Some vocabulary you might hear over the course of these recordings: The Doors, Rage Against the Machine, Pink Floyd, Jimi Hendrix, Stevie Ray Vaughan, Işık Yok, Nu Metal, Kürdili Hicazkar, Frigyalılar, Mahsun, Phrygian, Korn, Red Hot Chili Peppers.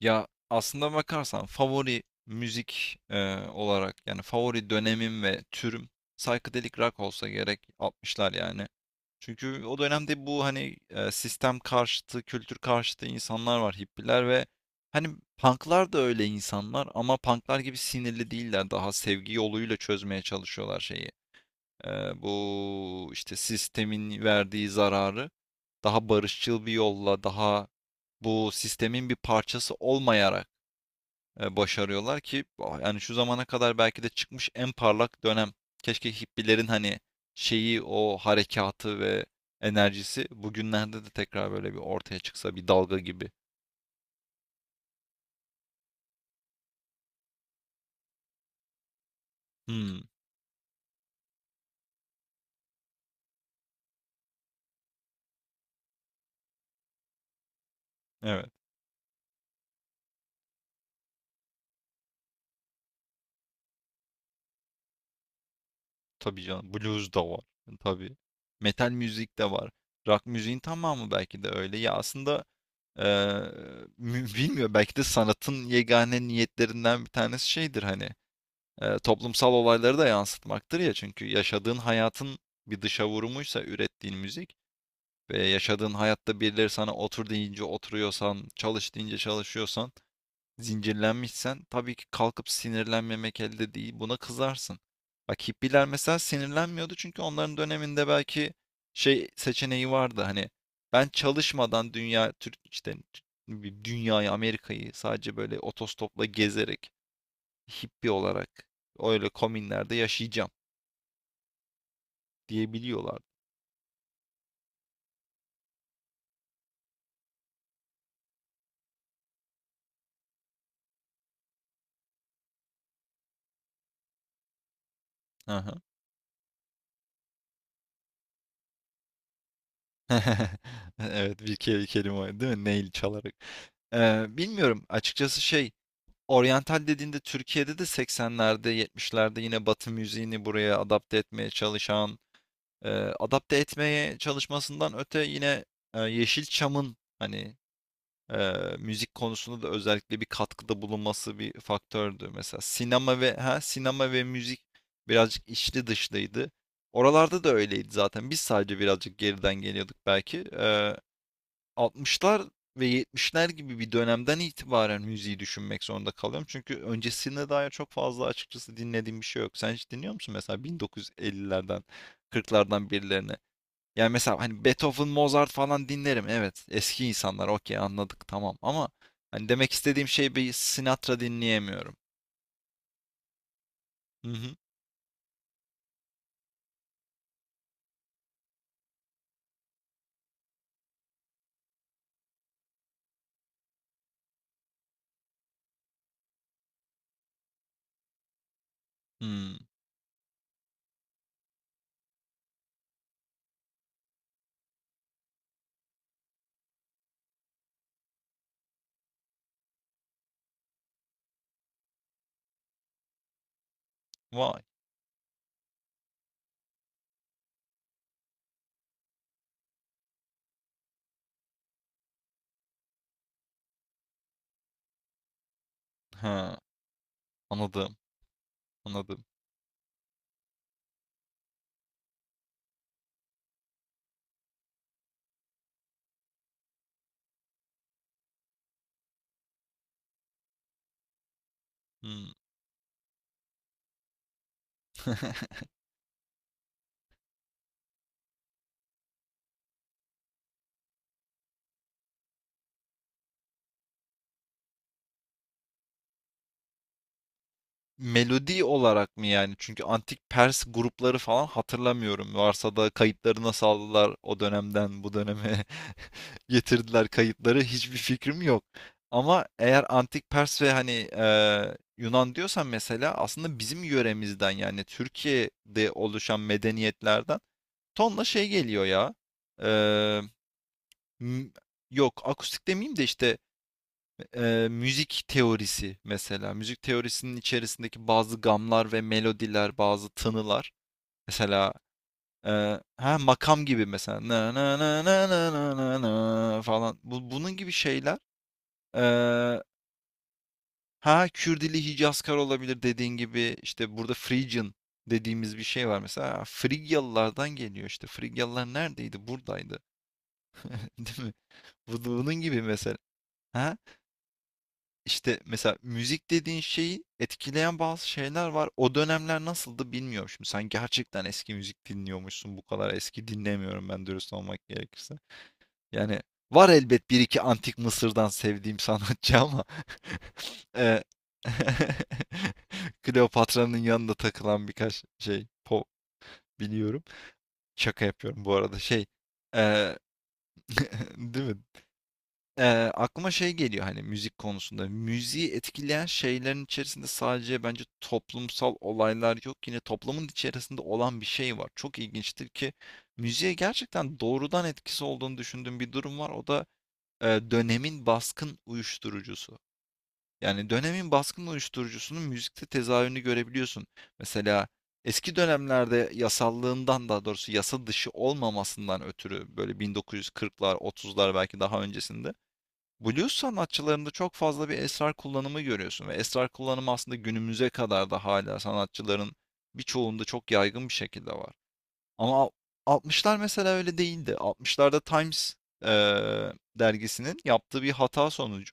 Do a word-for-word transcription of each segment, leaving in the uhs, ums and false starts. Ya aslında bakarsan favori müzik e, olarak yani favori dönemim ve türüm psychedelic rock olsa gerek altmışlar yani. Çünkü o dönemde bu hani e, sistem karşıtı, kültür karşıtı insanlar var, hippiler ve hani punklar da öyle insanlar ama punklar gibi sinirli değiller. Daha sevgi yoluyla çözmeye çalışıyorlar şeyi. E, Bu işte sistemin verdiği zararı daha barışçıl bir yolla, daha bu sistemin bir parçası olmayarak e, başarıyorlar ki ah, yani şu zamana kadar belki de çıkmış en parlak dönem. Keşke hippilerin hani şeyi o harekatı ve enerjisi bugünlerde de tekrar böyle bir ortaya çıksa bir dalga gibi. Hmm, evet, tabii canım, blues da var, tabii. Metal müzik de var. Rock müziğin tamamı belki de öyle. Ya aslında eee, mü- bilmiyorum, belki de sanatın yegane niyetlerinden bir tanesi şeydir hani e, toplumsal olayları da yansıtmaktır ya. Çünkü yaşadığın hayatın bir dışa vurumuysa ürettiğin müzik ve yaşadığın hayatta birileri sana otur deyince oturuyorsan, çalış deyince çalışıyorsan, zincirlenmişsen tabii ki kalkıp sinirlenmemek elde değil. Buna kızarsın. Bak hippiler mesela sinirlenmiyordu çünkü onların döneminde belki şey seçeneği vardı hani ben çalışmadan dünya Türk işte bir dünyayı Amerika'yı sadece böyle otostopla gezerek hippi olarak öyle komünlerde yaşayacağım diyebiliyorlardı. Aha. Evet, bir ke- kelime o, değil mi? Nail çalarak. Ee, bilmiyorum açıkçası, şey, oryantal dediğinde Türkiye'de de seksenlerde yetmişlerde yine Batı müziğini buraya adapte etmeye çalışan, e, adapte etmeye çalışmasından öte yine e, Yeşilçam'ın hani Eee, müzik konusunda da özellikle bir katkıda bulunması bir faktördü. Mesela sinema ve ha sinema ve müzik birazcık içli dışlıydı. Oralarda da öyleydi zaten. Biz sadece birazcık geriden geliyorduk belki. Eee altmışlar ve yetmişler gibi bir dönemden itibaren müziği düşünmek zorunda kalıyorum. Çünkü öncesine dair çok fazla açıkçası dinlediğim bir şey yok. Sen hiç dinliyor musun mesela bin dokuz yüz ellilerden, kırklardan birilerini? Yani mesela hani Beethoven, Mozart falan dinlerim. Evet, eski insanlar, okey, anladık tamam ama hani demek istediğim şey, bir Sinatra dinleyemiyorum. Hı hı. Hmm. Vay. Ha, anladım. Anladım. Hmm. Melodi olarak mı yani? Çünkü antik Pers grupları falan hatırlamıyorum. Varsa da kayıtları nasıl aldılar o dönemden bu döneme getirdiler, kayıtları hiçbir fikrim yok. Ama eğer antik Pers ve hani e, Yunan diyorsan, mesela aslında bizim yöremizden, yani Türkiye'de oluşan medeniyetlerden tonla şey geliyor ya. E, m- Yok, akustik demeyeyim de işte Eee, müzik teorisi mesela. Müzik teorisinin içerisindeki bazı gamlar ve melodiler, bazı tınılar. Mesela eee, ha, makam gibi mesela, na na na na na na na na falan. Bu, bunun gibi şeyler. eee, ha Kürdili Hicazkar olabilir dediğin gibi. İşte burada Phrygian dediğimiz bir şey var mesela. Frigyalılardan geliyor işte. Frigyalılar neredeydi? Buradaydı. Değil mi? Bu- Bunun gibi mesela. ha İşte mesela müzik dediğin şeyi etkileyen bazı şeyler var. O dönemler nasıldı bilmiyorum şimdi. Sen gerçekten eski müzik dinliyormuşsun. Bu kadar eski dinlemiyorum ben, dürüst olmak gerekirse. Yani var elbet bir iki antik Mısır'dan sevdiğim sanatçı ama e, Kleopatra'nın yanında takılan birkaç şey pop biliyorum. Şaka yapıyorum bu arada. Şey, e, değil mi? Ee, Aklıma şey geliyor hani müzik konusunda. Müziği etkileyen şeylerin içerisinde sadece bence toplumsal olaylar yok. Yine toplumun içerisinde olan bir şey var. Çok ilginçtir ki müziğe gerçekten doğrudan etkisi olduğunu düşündüğüm bir durum var. O da e, dönemin baskın uyuşturucusu. Yani dönemin baskın uyuşturucusunun müzikte tezahürünü görebiliyorsun. Mesela eski dönemlerde yasallığından, daha doğrusu yasa dışı olmamasından ötürü, böyle bin dokuz yüz kırklar, otuzlar, belki daha öncesinde Blues sanatçılarında çok fazla bir esrar kullanımı görüyorsun ve esrar kullanımı aslında günümüze kadar da hala sanatçıların birçoğunda çok yaygın bir şekilde var. Ama al- altmışlar mesela öyle değildi. altmışlarda Times eee, dergisinin yaptığı bir hata sonucu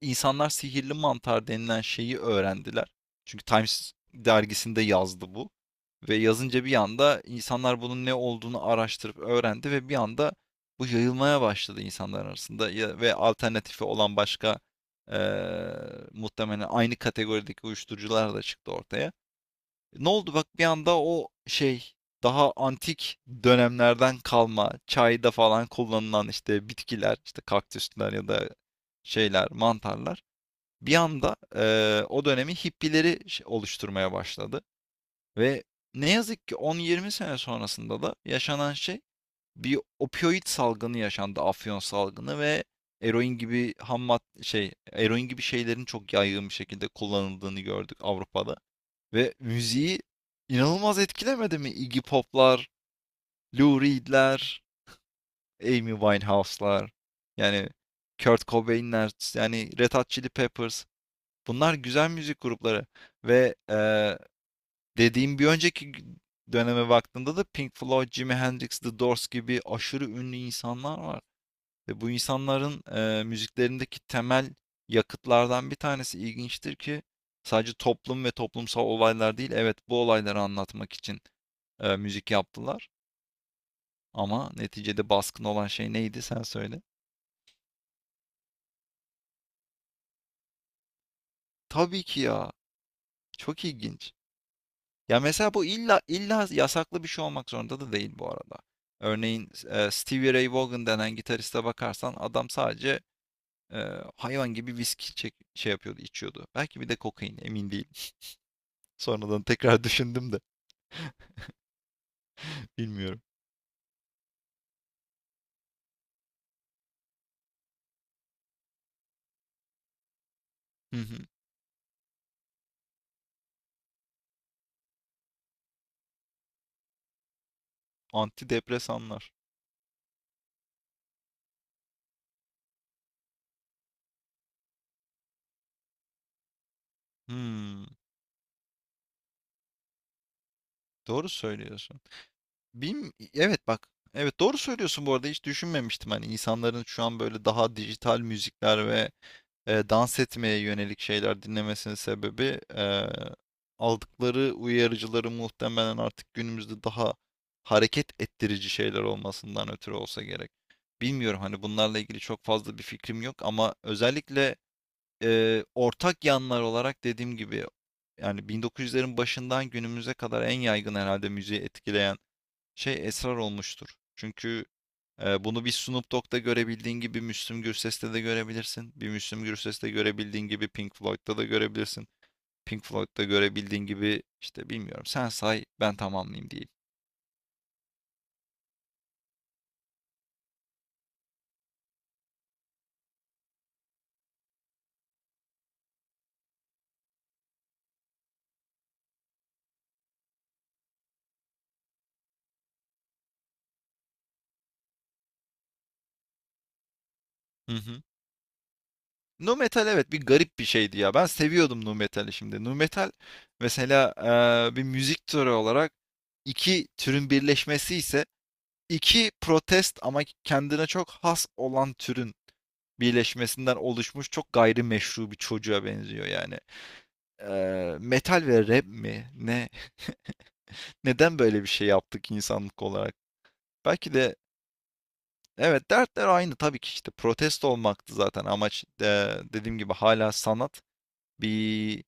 İnsanlar sihirli mantar denilen şeyi öğrendiler. Çünkü Times dergisinde yazdı bu. Ve yazınca bir anda insanlar bunun ne olduğunu araştırıp öğrendi ve bir anda bu yayılmaya başladı insanlar arasında. Ya- ve alternatifi olan başka eee, muhtemelen aynı kategorideki uyuşturucular da çıktı ortaya. Ne oldu bak, bir anda o şey, daha antik dönemlerden kalma çayda falan kullanılan işte bitkiler, işte kaktüsler ya da şeyler, mantarlar, bir anda eee, o dönemi hippileri oluşturmaya başladı. Ve ne yazık ki on yirmi sene sonrasında da yaşanan şey, bir opioid salgını yaşandı. Afyon salgını ve eroin gibi ham mad- şey eroin gibi şeylerin çok yaygın bir şekilde kullanıldığını gördük Avrupa'da. Ve müziği inanılmaz etkilemedi mi? Iggy Pop'lar, Lou Reed'ler, Amy Winehouse'lar, yani Kurt Cobain'ler, yani Red Hot Chili Peppers. Bunlar güzel müzik grupları ve eee, dediğim bir önceki döneme baktığında da Pink Floyd, Jimi Hendrix, The Doors gibi aşırı ünlü insanlar var. Ve bu insanların eee, müziklerindeki temel yakıtlardan bir tanesi, ilginçtir ki, sadece toplum ve toplumsal olaylar değil. Evet, bu olayları anlatmak için eee, müzik yaptılar. Ama neticede baskın olan şey neydi, sen söyle. Tabii ki ya. Çok ilginç. Ya mesela bu illa illa yasaklı bir şey olmak zorunda da değil bu arada. Örneğin e, Stevie Ray Vaughan denen gitariste bakarsan, adam sadece e, hayvan gibi viski çek, şey yapıyordu, içiyordu. Belki bir de kokain, emin değilim. Sonradan tekrar düşündüm de bilmiyorum. Hı hı. Antidepresanlar. Hmm, doğru söylüyorsun. Bim, evet, bak. Evet, doğru söylüyorsun, bu arada hiç düşünmemiştim hani insanların şu an böyle daha dijital müzikler ve e, dans etmeye yönelik şeyler dinlemesinin sebebi, e, aldıkları uyarıcıları muhtemelen artık günümüzde daha hareket ettirici şeyler olmasından ötürü olsa gerek. Bilmiyorum hani bunlarla ilgili çok fazla bir fikrim yok ama özellikle e, ortak yanlar olarak dediğim gibi, yani bin dokuz yüzlerin başından günümüze kadar en yaygın herhalde müziği etkileyen şey esrar olmuştur. Çünkü e, bunu bir Snoop Dogg'da görebildiğin gibi Müslüm Gürses'te de görebilirsin. Bir Müslüm Gürses'te görebildiğin gibi Pink Floyd'da da görebilirsin. Pink Floyd'da görebildiğin gibi işte bilmiyorum. Sen say ben tamamlayayım diyeyim. Hı hı. Nu Metal, evet, bir garip bir şeydi ya. Ben seviyordum Nu Metal'i şimdi. Nu Metal mesela e, bir müzik türü olarak iki türün birleşmesi ise, iki protest ama kendine çok has olan türün birleşmesinden oluşmuş çok gayrimeşru bir çocuğa benziyor yani. Ee, metal ve rap mi? Ne? Neden böyle bir şey yaptık insanlık olarak? Belki de, evet, dertler aynı tabii ki, işte protesto olmaktı zaten amaç. Ee, dediğim gibi hala sanat bir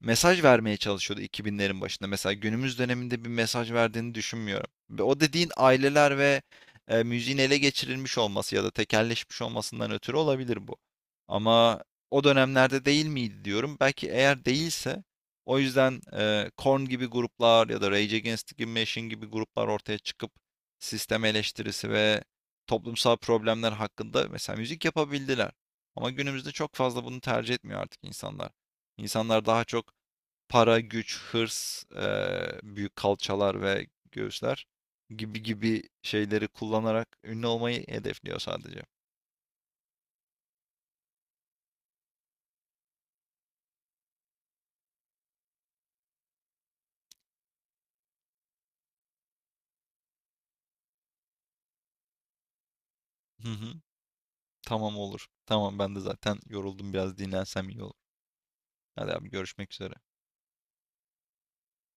mesaj vermeye çalışıyordu iki binlerin başında. Mesela günümüz döneminde bir mesaj verdiğini düşünmüyorum. Ve o dediğin aileler ve e, müziğin ele geçirilmiş olması ya da tekelleşmiş olmasından ötürü olabilir bu. Ama o dönemlerde değil miydi diyorum. Belki eğer değilse o yüzden e, Korn gibi gruplar ya da Rage Against the Machine gibi gruplar ortaya çıkıp sistem eleştirisi ve toplumsal problemler hakkında mesela müzik yapabildiler. Ama günümüzde çok fazla bunu tercih etmiyor artık insanlar. İnsanlar daha çok para, güç, hırs, eee, büyük kalçalar ve göğüsler gibi gibi şeyleri kullanarak ünlü olmayı hedefliyor sadece. Hı hı. Tamam, olur. Tamam, ben de zaten yoruldum, biraz dinlensem iyi olur. Hadi abi, görüşmek üzere.